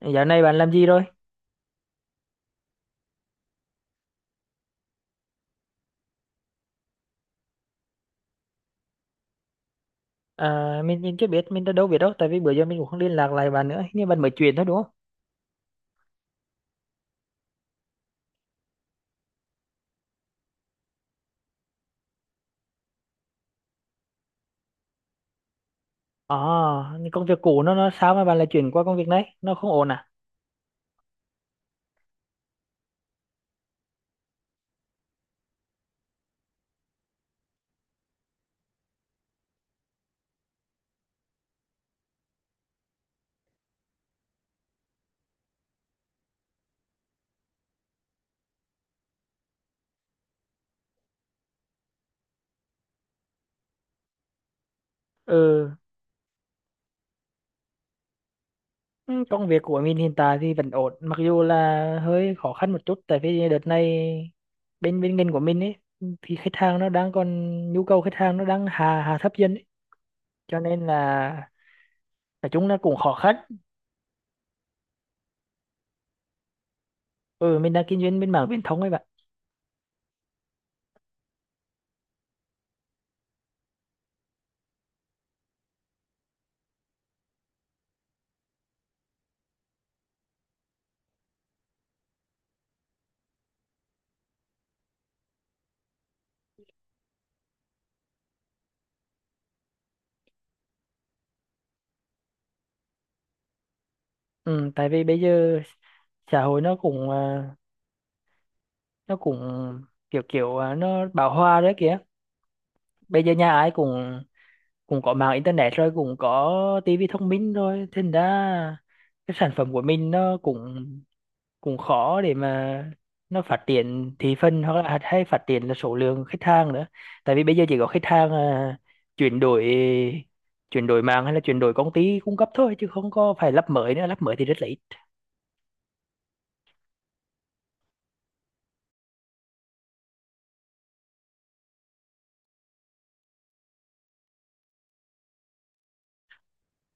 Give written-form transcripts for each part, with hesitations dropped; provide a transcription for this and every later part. Dạo này bạn làm gì rồi? À, mình chưa biết, mình đã đâu biết đâu, tại vì bữa giờ mình cũng không liên lạc lại bạn nữa, hình như bạn mới chuyển thôi đúng không? À, nhưng công việc cũ nó sao mà bạn lại chuyển qua công việc này? Nó không ổn à? Ừ, ừ, công việc của mình hiện tại thì vẫn ổn, mặc dù là hơi khó khăn một chút, tại vì đợt này bên bên ngành của mình ấy thì khách hàng nó đang còn nhu cầu khách hàng nó đang hà hà thấp dần ấy. Cho nên là nói chung là cũng khó khăn. Ừ, mình đang kinh doanh bên mảng viễn thông ấy bạn. Ừ, tại vì bây giờ xã hội nó cũng nó cũng kiểu kiểu nó bão hòa đấy kìa. Bây giờ nhà ai cũng cũng có mạng internet rồi cũng có tivi thông minh, rồi thành ra cái sản phẩm của mình nó cũng cũng khó để mà nó phát triển thị phần hoặc là hay phát triển là số lượng khách hàng nữa, tại vì bây giờ chỉ có khách hàng chuyển đổi chuyển đổi mạng hay là chuyển đổi công ty cung cấp thôi, chứ không có phải lắp mới nữa, lắp mới thì rất là ít.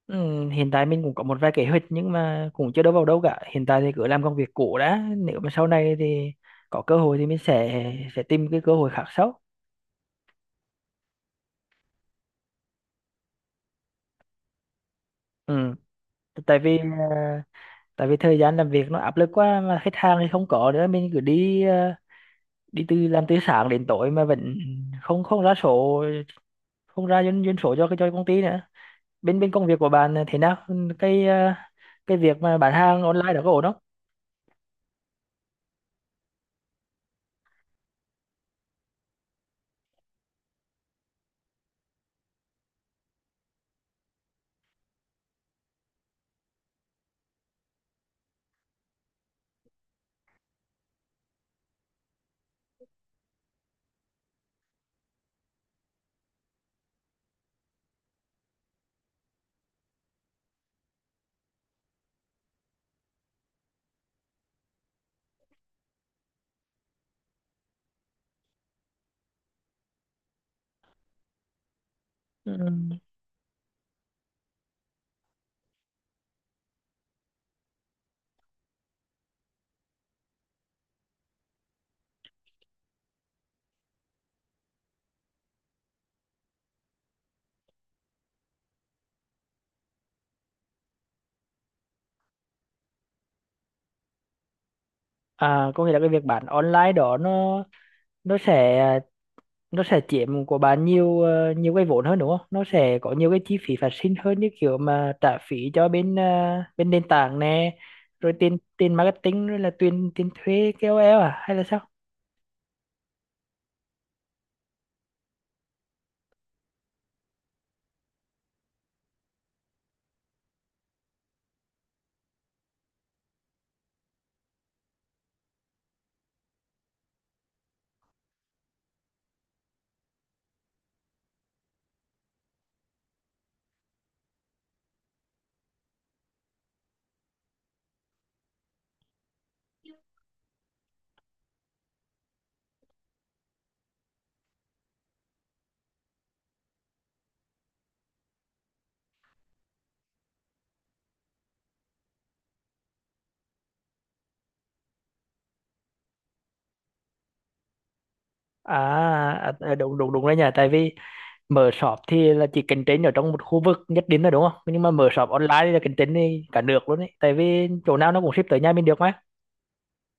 Ừ, hiện tại mình cũng có một vài kế hoạch nhưng mà cũng chưa đâu vào đâu cả. Hiện tại thì cứ làm công việc cũ đã. Nếu mà sau này thì có cơ hội thì mình sẽ tìm cái cơ hội khác sau. Ừ. Tại vì à, tại vì thời gian làm việc nó áp lực quá mà khách hàng thì không có nữa, mình cứ đi từ sáng đến tối mà vẫn không không ra số, không ra doanh doanh số cho cái cho công ty nữa. Bên bên công việc của bạn thế nào? Ừ. Cái việc mà bán hàng online đó có ổn không? Ừ. À, có nghĩa là cái việc bán online đó nó sẽ à, nó sẽ chiếm của bạn nhiều nhiều cái vốn hơn đúng không? Nó sẽ có nhiều cái chi phí phát sinh hơn, như kiểu mà trả phí cho bên nền tảng nè, rồi tiền tiền marketing, rồi là tiền tiền thuê KOL à, hay là sao? à, đúng đúng đúng đấy nhỉ, tại vì mở shop thì là chỉ cạnh tranh ở trong một khu vực nhất định là đúng không, nhưng mà mở shop online thì là cạnh tranh đi cả nước luôn đấy, tại vì chỗ nào nó cũng ship tới nhà mình được mà,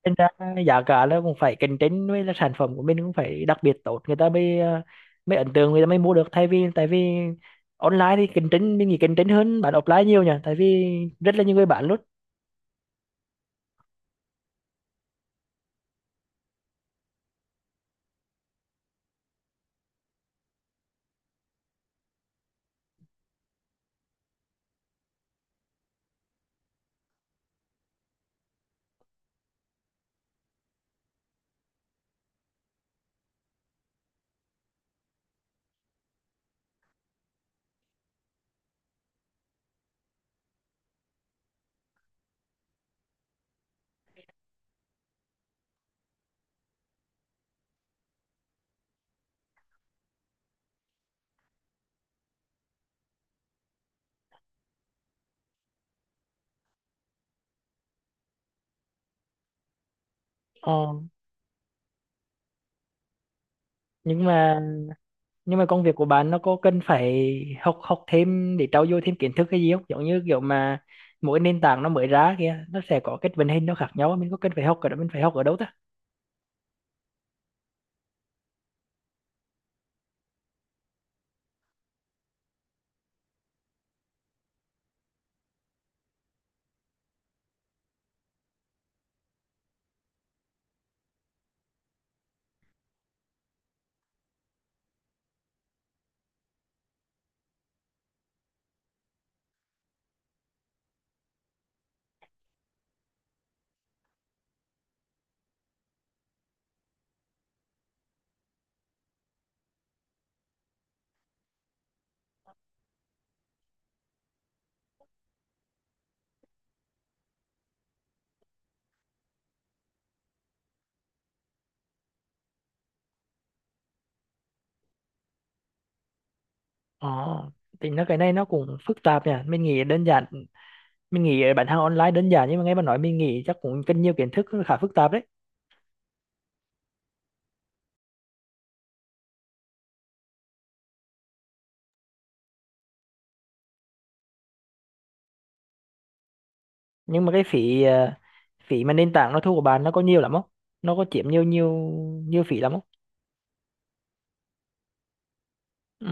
nên ra giá cả nó cũng phải cạnh tranh, với là sản phẩm của mình cũng phải đặc biệt tốt người ta mới ấn tượng, người ta mới mua được, thay vì tại vì online thì cạnh tranh, mình nghĩ cạnh tranh hơn bán offline nhiều nhỉ, tại vì rất là nhiều người bán luôn. Ờ. nhưng mà nhưng mà công việc của bạn nó có cần phải học học thêm để trau dồi thêm kiến thức hay gì không, giống như kiểu mà mỗi nền tảng nó mới ra kia nó sẽ có cái vận hành nó khác nhau, mình có cần phải học ở đó, mình phải học ở đâu ta? ờ thì cái này nó cũng phức tạp nhỉ, mình nghĩ đơn giản, mình nghĩ bán hàng online đơn giản, nhưng mà nghe bạn nói mình nghĩ chắc cũng cần nhiều kiến thức, khá phức tạp đấy. Nhưng mà phí mà nền tảng nó thu của bạn nó có nhiều lắm không, nó có chiếm nhiều nhiều nhiều phí lắm không? Ừ.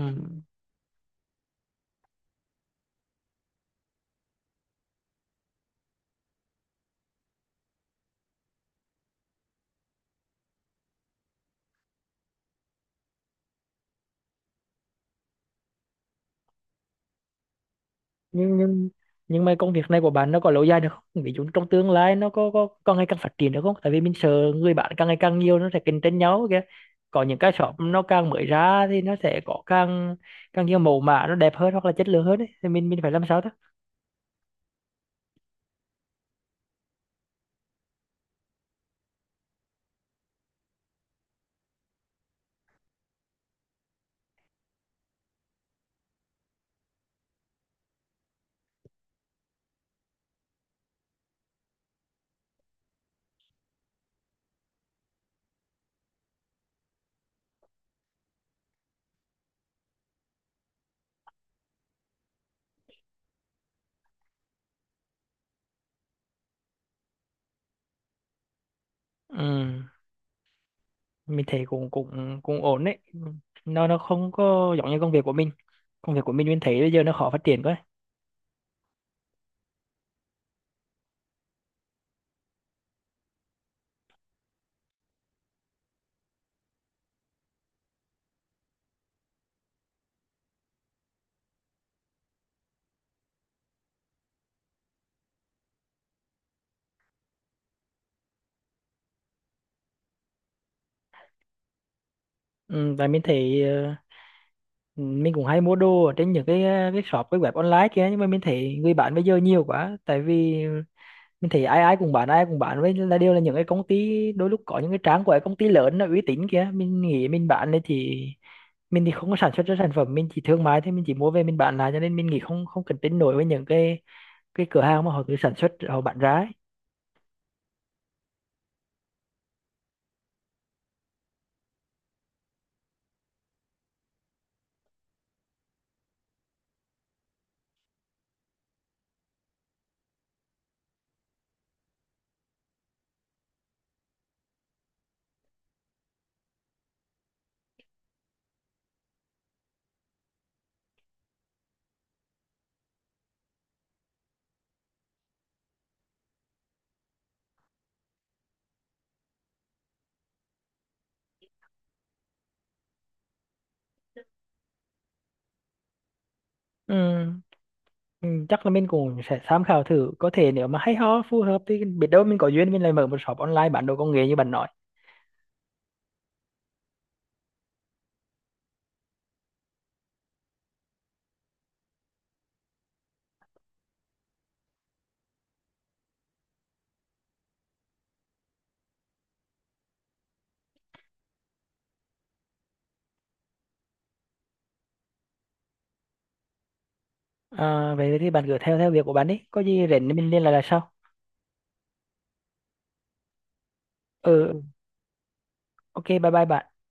nhưng nhưng nhưng mà công việc này của bạn nó có lâu dài được không, ví dụ trong tương lai nó có ngày càng phát triển được không, tại vì mình sợ người bạn càng ngày càng nhiều nó sẽ cạnh tranh nhau kìa, có những cái shop nó càng mới ra thì nó sẽ có càng càng nhiều mẫu mã nó đẹp hơn hoặc là chất lượng hơn ấy. Thì mình phải làm sao đó? Ừ, mình thấy cũng cũng cũng ổn đấy, nó không có giống như Công việc của mình mình thấy bây giờ nó khó phát triển quá. Ừ, và mình thấy mình cũng hay mua đồ ở trên những cái shop, cái web online kia, nhưng mà mình thấy người bán bây giờ nhiều quá, tại vì mình thấy ai ai cũng bán, với là đều là những cái công ty, đôi lúc có những cái trang của cái công ty lớn nó uy tín kia, mình nghĩ mình bán này thì mình thì không có sản xuất ra sản phẩm, mình chỉ thương mại thôi, mình chỉ mua về mình bán lại, cho nên mình nghĩ không không cạnh tranh nổi với những cái cửa hàng mà họ cứ sản xuất họ bán ra ấy. Ừ, ừ, chắc là mình cũng sẽ tham khảo thử, có thể nếu mà hay ho phù hợp thì biết đâu mình có duyên mình lại mở một shop online bán đồ công nghệ như bạn nói. À, vậy thì bạn cứ theo theo việc của bạn đi, có gì rảnh thì mình liên lạc là sau. Ừ ừ, ok bye bye bạn.